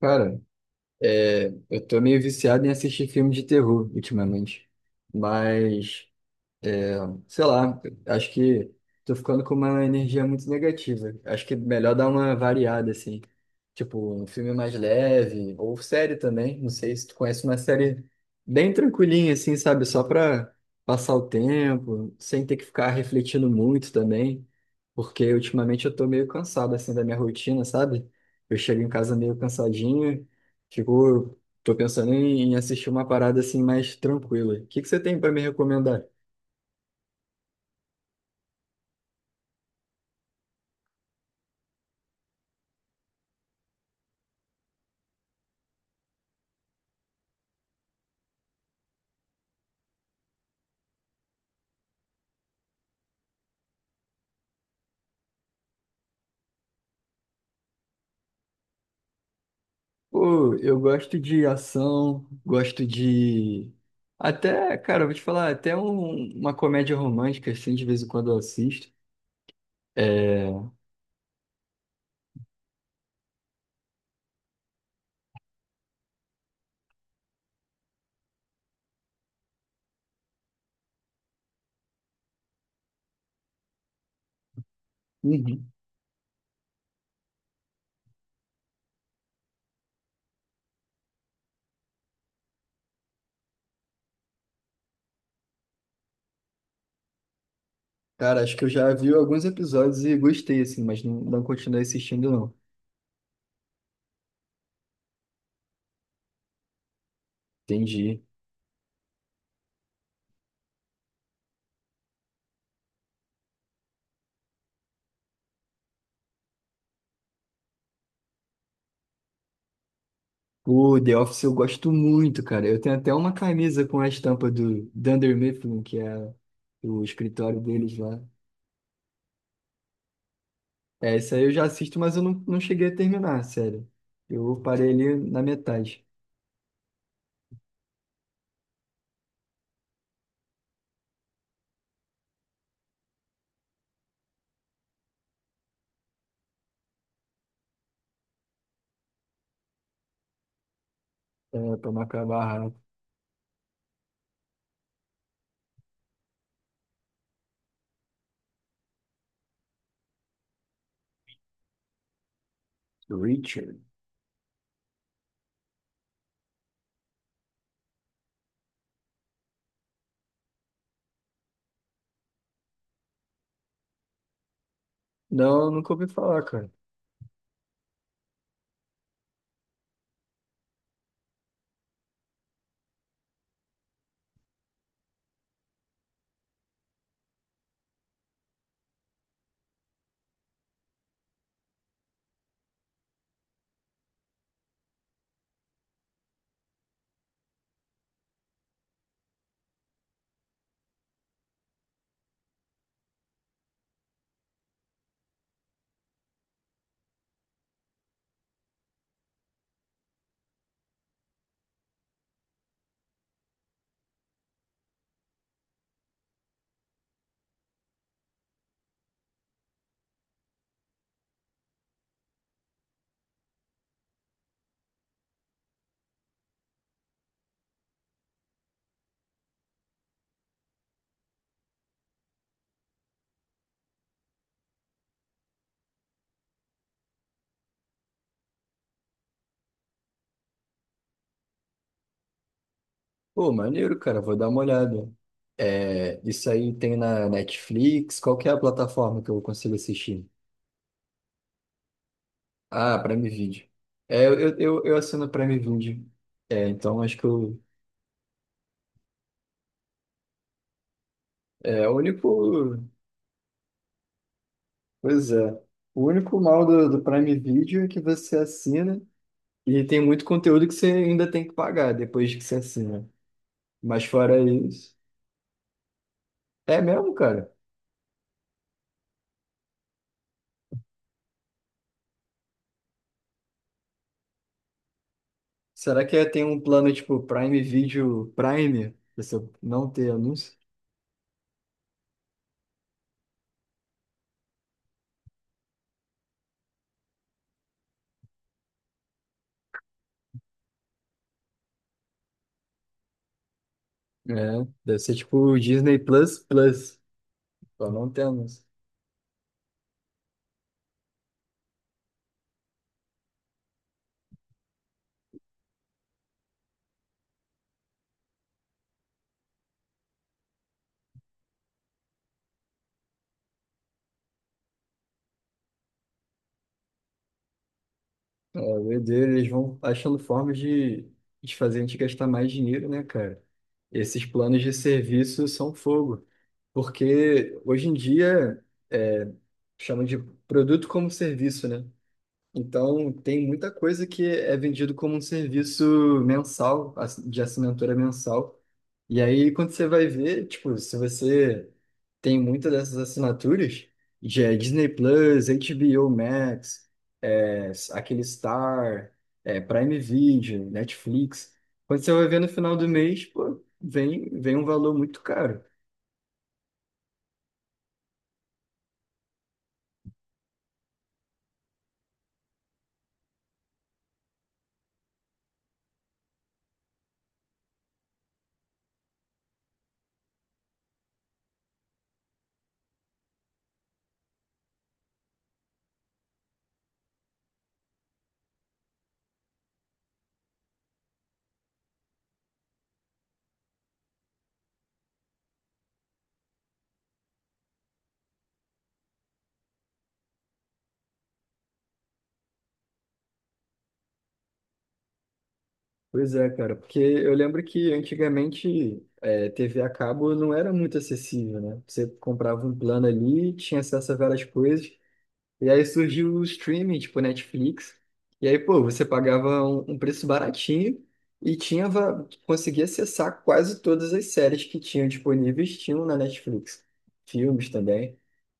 Cara, eu tô meio viciado em assistir filme de terror ultimamente. Mas sei lá, acho que tô ficando com uma energia muito negativa. Acho que é melhor dar uma variada, assim. Tipo, um filme mais leve, ou série também. Não sei se tu conhece uma série bem tranquilinha, assim, sabe? Só pra passar o tempo, sem ter que ficar refletindo muito também. Porque ultimamente eu tô meio cansado, assim, da minha rotina, sabe? Eu chego em casa meio cansadinho, fico. Tô pensando em assistir uma parada assim mais tranquila. O que que você tem pra me recomendar? Pô, eu gosto de ação, gosto de. Até, cara, eu vou te falar, até uma comédia romântica, assim, de vez em quando eu assisto. É... Uhum. Cara, acho que eu já vi alguns episódios e gostei, assim, mas não continuei assistindo, não. Entendi. O The Office eu gosto muito, cara. Eu tenho até uma camisa com a estampa do Dunder Mifflin, que é o escritório deles lá. É, isso aí eu já assisto, mas eu não cheguei a terminar, sério. Eu parei ali na metade. É, pra marcar a barra. Richard. Não, nunca ouvi falar, cara. Pô, maneiro, cara. Vou dar uma olhada. É, isso aí tem na Netflix? Qual que é a plataforma que eu consigo assistir? Ah, Prime Video. É, eu assino Prime Video. É, então acho que eu, é o único. Pois é. O único mal do Prime Video é que você assina e tem muito conteúdo que você ainda tem que pagar depois que você assina. Mas fora isso. É mesmo, cara? Será que tem um plano tipo Prime Video Prime? Pra você não ter anúncio? É, deve ser tipo o Disney Plus Plus, pra não ter anúncio. É, o doideira, eles vão achando formas de fazer a gente gastar mais dinheiro, né, cara? Esses planos de serviço são fogo. Porque hoje em dia é, chamam de produto como serviço, né? Então tem muita coisa que é vendido como um serviço mensal, de assinatura mensal. E aí, quando você vai ver, tipo, se você tem muitas dessas assinaturas, já é Disney Plus, HBO Max, é, aquele Star, é, Prime Video, Netflix, quando você vai ver no final do mês, pô, vem um valor muito caro. Pois é, cara, porque eu lembro que antigamente é, TV a cabo não era muito acessível, né? Você comprava um plano ali, tinha acesso a várias coisas. E aí surgiu o streaming, tipo Netflix. E aí, pô, você pagava um preço baratinho e tinha, conseguia acessar quase todas as séries que tinham disponíveis, tinham na Netflix. Filmes também.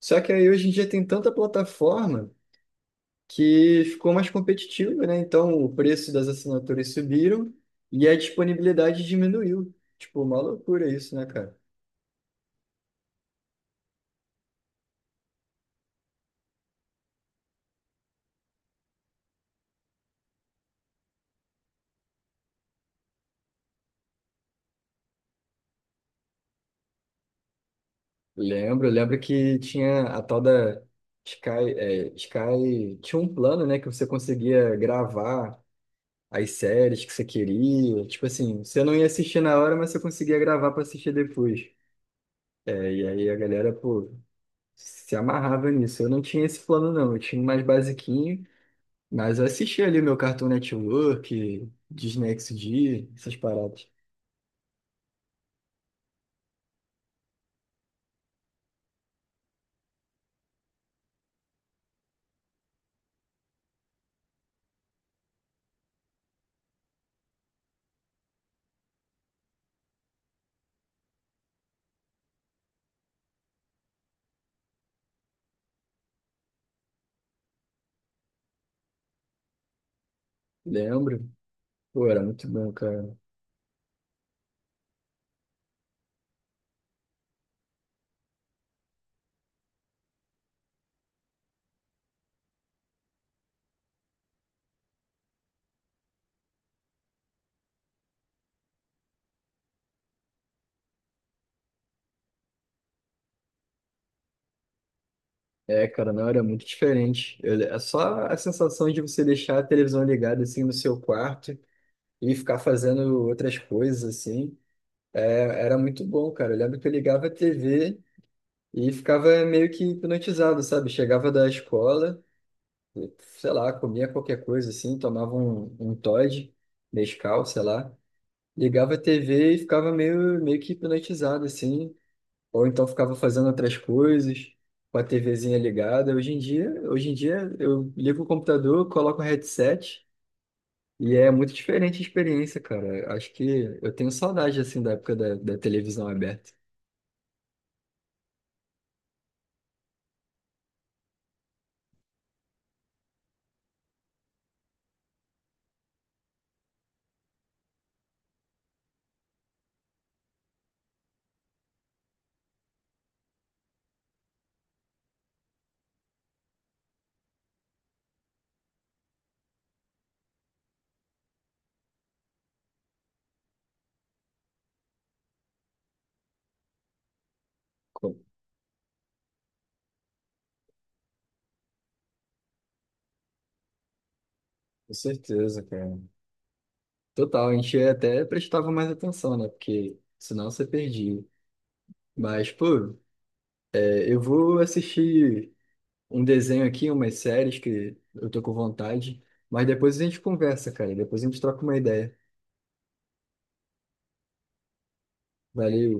Só que aí hoje em dia tem tanta plataforma que ficou mais competitivo, né? Então o preço das assinaturas subiram e a disponibilidade diminuiu. Tipo, uma loucura isso, né, cara? Lembro que tinha a tal da Sky, é, Sky, tinha um plano, né, que você conseguia gravar as séries que você queria, tipo assim, você não ia assistir na hora, mas você conseguia gravar para assistir depois. É, e aí a galera, pô, se amarrava nisso. Eu não tinha esse plano não, eu tinha um mais basiquinho, mas eu assistia ali meu Cartoon Network, Disney XD, essas paradas. Lembro. Pô, era muito bom, cara. É, cara, não, era muito diferente. Eu- É só a sensação de você deixar a televisão ligada assim no seu quarto e ficar fazendo outras coisas assim. É, era muito bom, cara. Eu lembro que eu ligava a TV e ficava meio que hipnotizado, sabe? Chegava da escola, sei lá, comia qualquer coisa assim, tomava um Toddy, Nescau, sei lá. Ligava a TV e ficava meio que hipnotizado assim. Ou então ficava fazendo outras coisas, com a TVzinha ligada. Hoje em dia eu ligo o computador, coloco o headset e é muito diferente a experiência, cara. Acho que eu tenho saudade assim da época da televisão aberta. Com com certeza, cara. Total, a gente até prestava mais atenção, né? Porque senão você perdia. Mas, pô, é, eu vou assistir um desenho aqui, umas séries que eu tô com vontade. Mas depois a gente conversa, cara. Depois a gente troca uma ideia. Valeu.